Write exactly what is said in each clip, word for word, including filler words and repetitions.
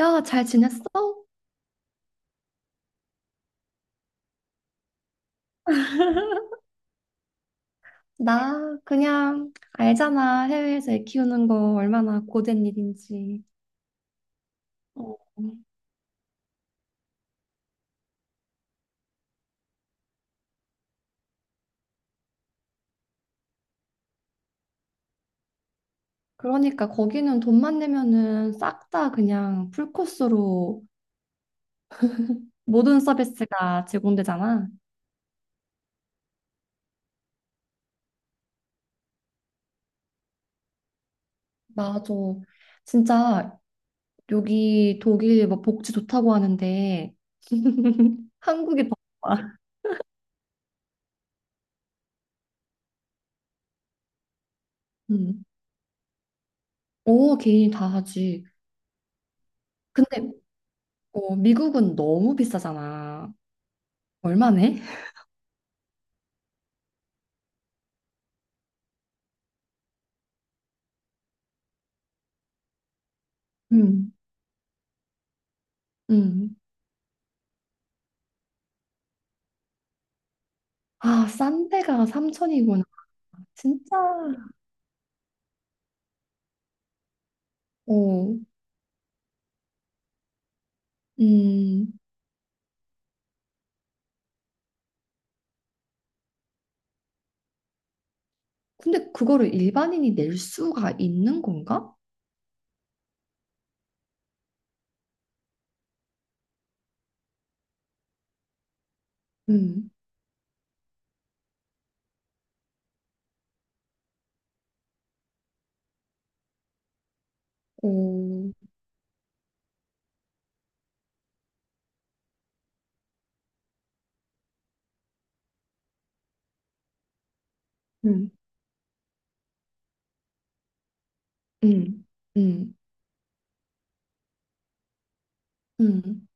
야, 잘 지냈어? 나 그냥 알잖아. 해외에서 애 키우는 거 얼마나 고된 일인지. 어, 그러니까 거기는 돈만 내면은 싹 다 그냥 풀코스로 모든 서비스가 제공되잖아. 맞아. 진짜 여기 독일 뭐 복지 좋다고 하는데 한국이 더 좋아. 응. 오, 개인이 다 하지. 근데 어, 미국은 너무 비싸잖아. 얼마네? 응. 응. 아, 싼 데가 삼천이구나. 진짜. 어, 음. 근데 그거를 일반인이 낼 수가 있는 건가? 음. 오, 음. 음. 음. 음.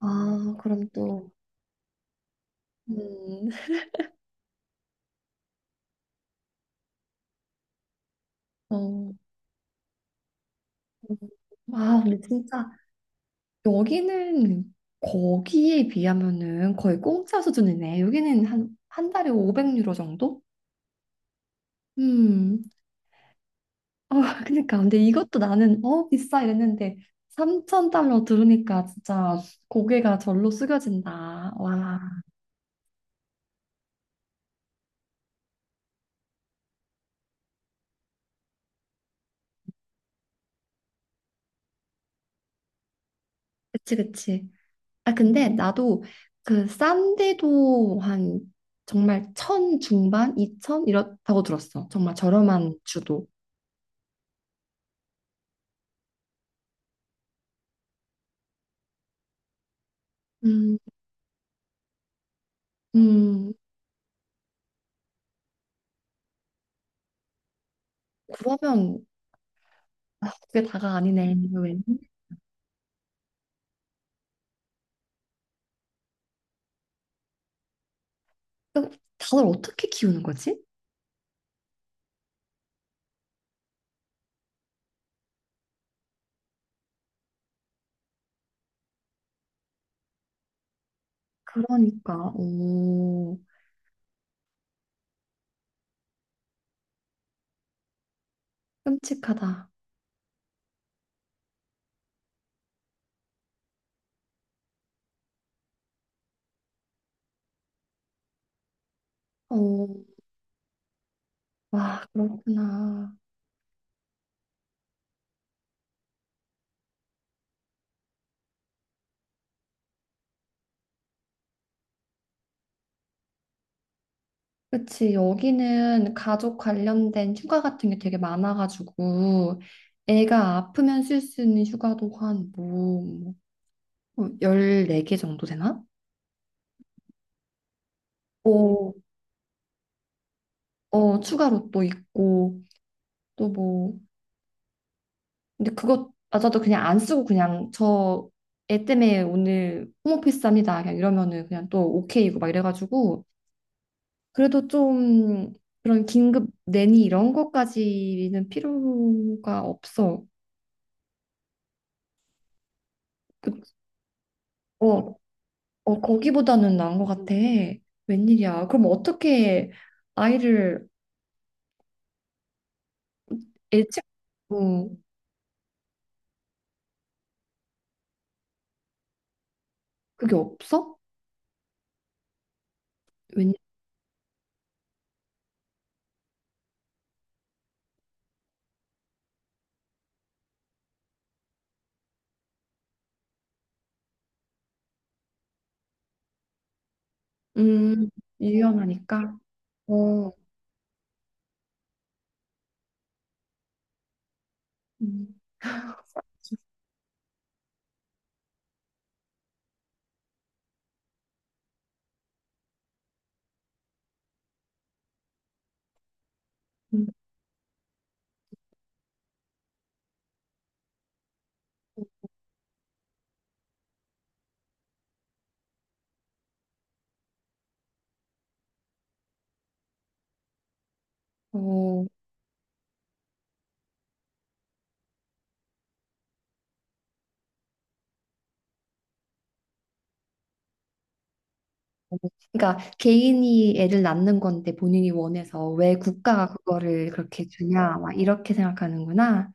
아, 그럼 또. 음. 어. 음. 아, 근데 진짜 여기는 거기에 비하면은 거의 공짜 수준이네. 여기는 한 한 달에 오백 유로 정도? 음. 어 그러니까 근데 이것도 나는 어 비싸 이랬는데 삼천 달러 들으니까 진짜 고개가 절로 숙여진다. 와, 그치 그치. 아 근데 나도 그 싼데도 한 정말 천 중반, 이천 이렇다고 들었어. 정말 저렴한 주도. 음, 음. 그러면 아, 그게 다가 아니네. 왜? 그러니까 다들 어떻게 키우는 거지? 그러니까 오. 끔찍하다. 어, 와, 그렇구나. 그치, 여기는 가족 관련된 휴가 같은 게 되게 많아가지고, 애가 아프면 쓸 수 있는 휴가도 한 뭐, 십사 개 정도 되나? 오. 어, 추가로 또 있고, 또 뭐, 근데 그것마저도 그냥 안 쓰고 그냥 저 애 때문에 오늘 홈오피스 합니다. 그냥 이러면은 그냥 또 오케이고 막 이래가지고, 그래도 좀 그런 긴급 내니 이런 것까지는 필요가 없어. 그- 어, 어, 거기보다는 나은 것 같아. 웬일이야. 그럼 어떻게 아이를 예측, 어, 그게 없어? 웬일, 음, 유연하니까. 어, 음, 음. 어, 그러니까 개인이 애를 낳는 건데 본인이 원해서 왜 국가가 그거를 그렇게 주냐, 막 이렇게 생각하는구나.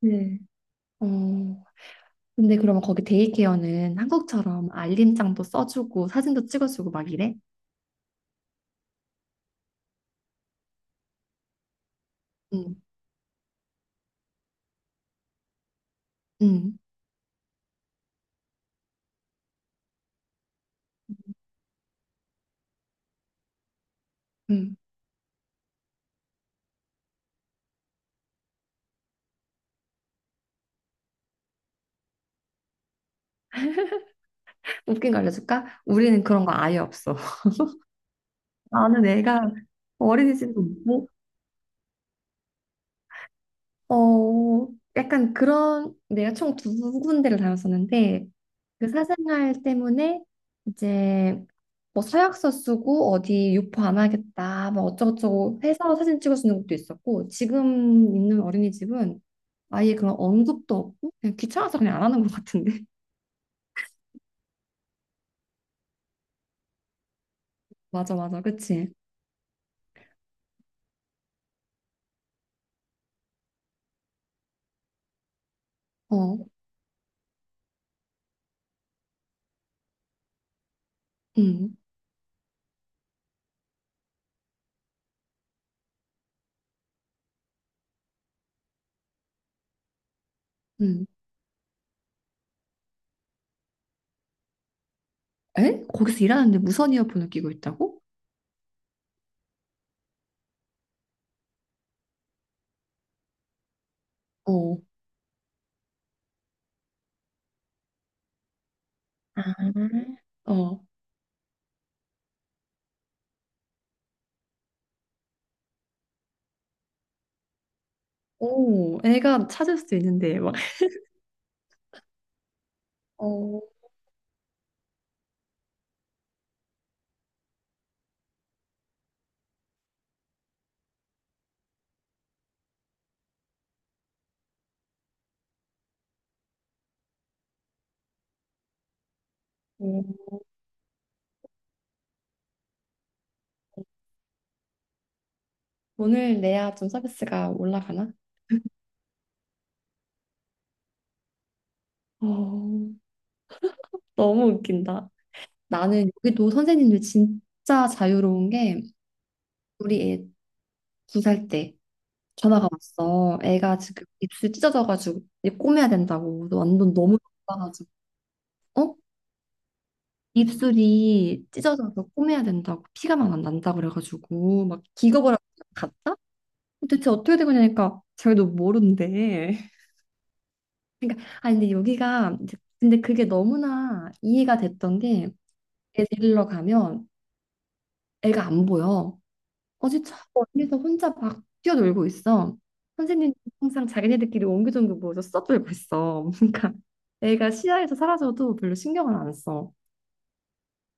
네. 어, 근데 그러면 거기 데이케어는 한국처럼 알림장도 써주고 사진도 찍어주고 막 이래? 응, 응, 응. 웃긴 거 알려줄까? 우리는 그런 거 아예 없어. 나는 애가 어린이집도 없고, 어, 약간 그런, 내가 총 두 군데를 다녔었는데, 그 사생활 때문에 이제 뭐 서약서 쓰고 어디 유포 안 하겠다, 뭐 어쩌고저쩌고 해서 사진 찍어주는 것도 있었고, 지금 있는 어린이집은 아예 그런 언급도 없고, 그냥 귀찮아서 그냥 안 하는 것 같은데. 맞아, 맞아, 그치? 어, 응, 응. 에? 거기서 일하는데 무선 이어폰을 끼고 있다고? 어, 아, 어, 오, 애가 찾을 수도 있는데, 막. 어, 어. 돈을 내야 좀 서비스가 올라가나? 어, 너무 웃긴다. 나는 여기도 선생님들 진짜 자유로운 게 우리 애 두 살 때 전화가 왔어. 애가 지금 입술 찢어져가지고 이제 꼬매야 된다고. 완전 너무 아파가지고. 어? 입술이 찢어져서 꼬매야 된다고 피가 막 난다 그래가지고 막 기겁을 하고 갔다. 도대체 어떻게 된 거냐니까 저희도 모르는데. 그러니까 아 근데 여기가 이제 근데 그게 너무나 이해가 됐던 게 애 데리러 가면 애가 안 보여. 어제 저 멀리서 혼자 막 뛰어놀고 있어. 선생님 항상 자기네들끼리 옹기종기 모여서 써돌고 있어. 그러니까 애가 시야에서 사라져도 별로 신경을 안 써.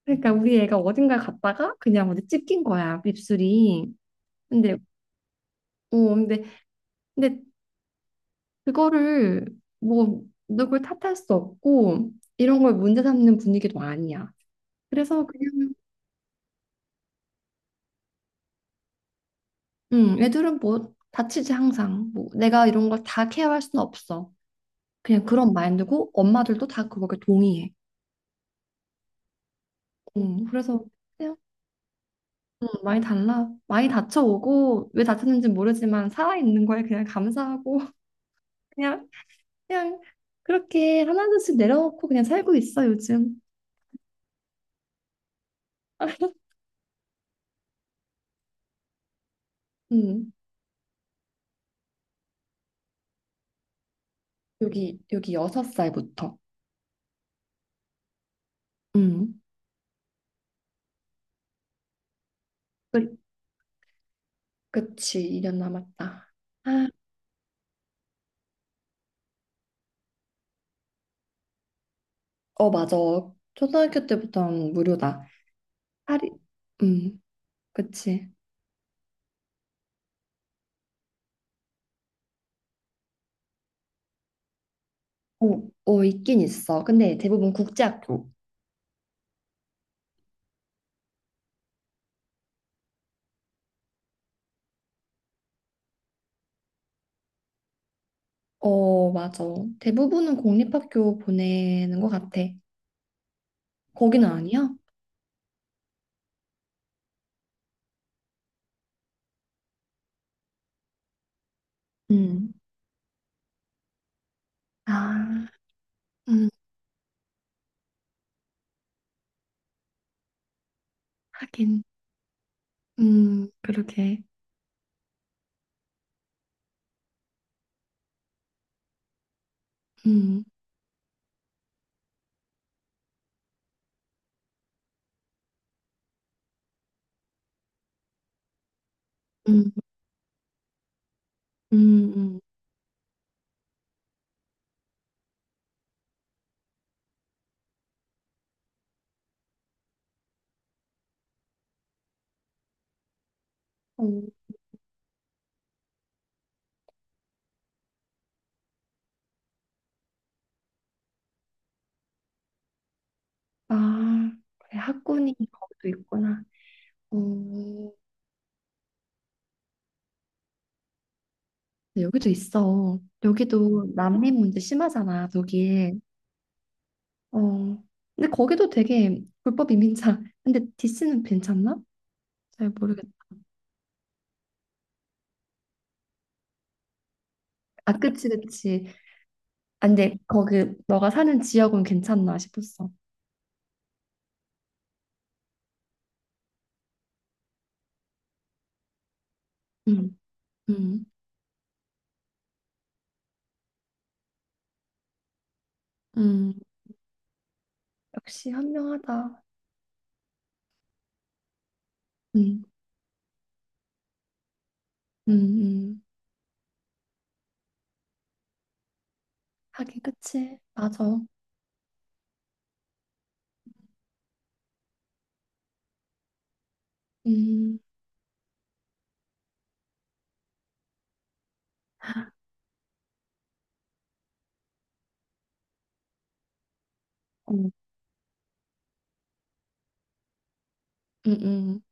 그러니까 우리 애가 어딘가 갔다가 그냥 어디 찝낀 거야 입술이. 근데 어 근데 근데 그거를 뭐 누굴 탓할 수 없고 이런 걸 문제 삼는 분위기도 아니야. 그래서 그냥 음, 애들은 뭐 다치지 항상. 뭐 내가 이런 걸 다 케어할 수는 없어. 그냥 그런 마인드고 엄마들도 다 그거에 동의해. 음, 그래서 그냥 음, 많이 달라. 많이 다쳐오고 왜 다쳤는지 모르지만 살아있는 거에 그냥 감사하고. 그냥 그냥 그렇게 하나둘씩 내려놓고 그냥 살고 있어 요즘. 음, 여기 여기 여섯 살부터. 음. 그 그치, 이 년 남았다. 아, 어, 맞아. 초등학교 때부터는 무료다. 할인, 음, 그치. 어, 어, 있긴 있어. 근데 대부분 국제학교. 어, 맞아. 대부분은 공립학교 보내는 것 같아. 거기는 아니야? 음. 아, 음, 하긴. 음, 그러게. 음, 음, 음, 음. 어, 아, 그래, 학군이 거기도 있구나. 어, 근데 여기도 있어. 여기도 난민 문제 심하잖아, 독일. 어. 근데 거기도 되게 불법 이민자. 근데 디스는 괜찮나? 잘 모르겠다. 아, 그치, 그치. 아, 근데 거기 너가 사는 지역은 괜찮나 싶었어. 음, 음, 음. 역시 현명하다. 음, 음, 음. 하긴, 그치. 맞아. 음, 어, 음, 음.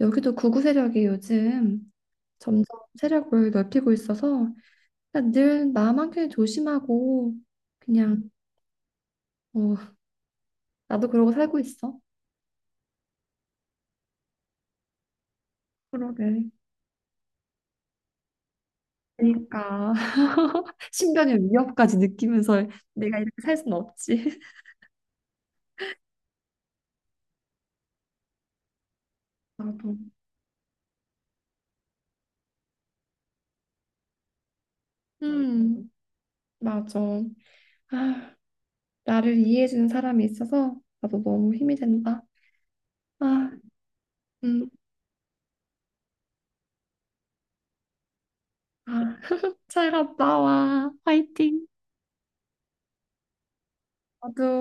여기도 구구 세력이 요즘 점점 세력을 넓히고 있어서 그러니까 늘 나만큼 조심하고 그냥 어, 나도 그러고 살고 있어. 그러게. 그러니까 신변의 위협까지 느끼면서 내가 이렇게 살 수는 없지. 나도. 음, 맞아. 아, 나를 이해해주는 사람이 있어서 나도 너무 힘이 된다. 아, 음, 아, 잘 갔다 와. 화이팅. 나도.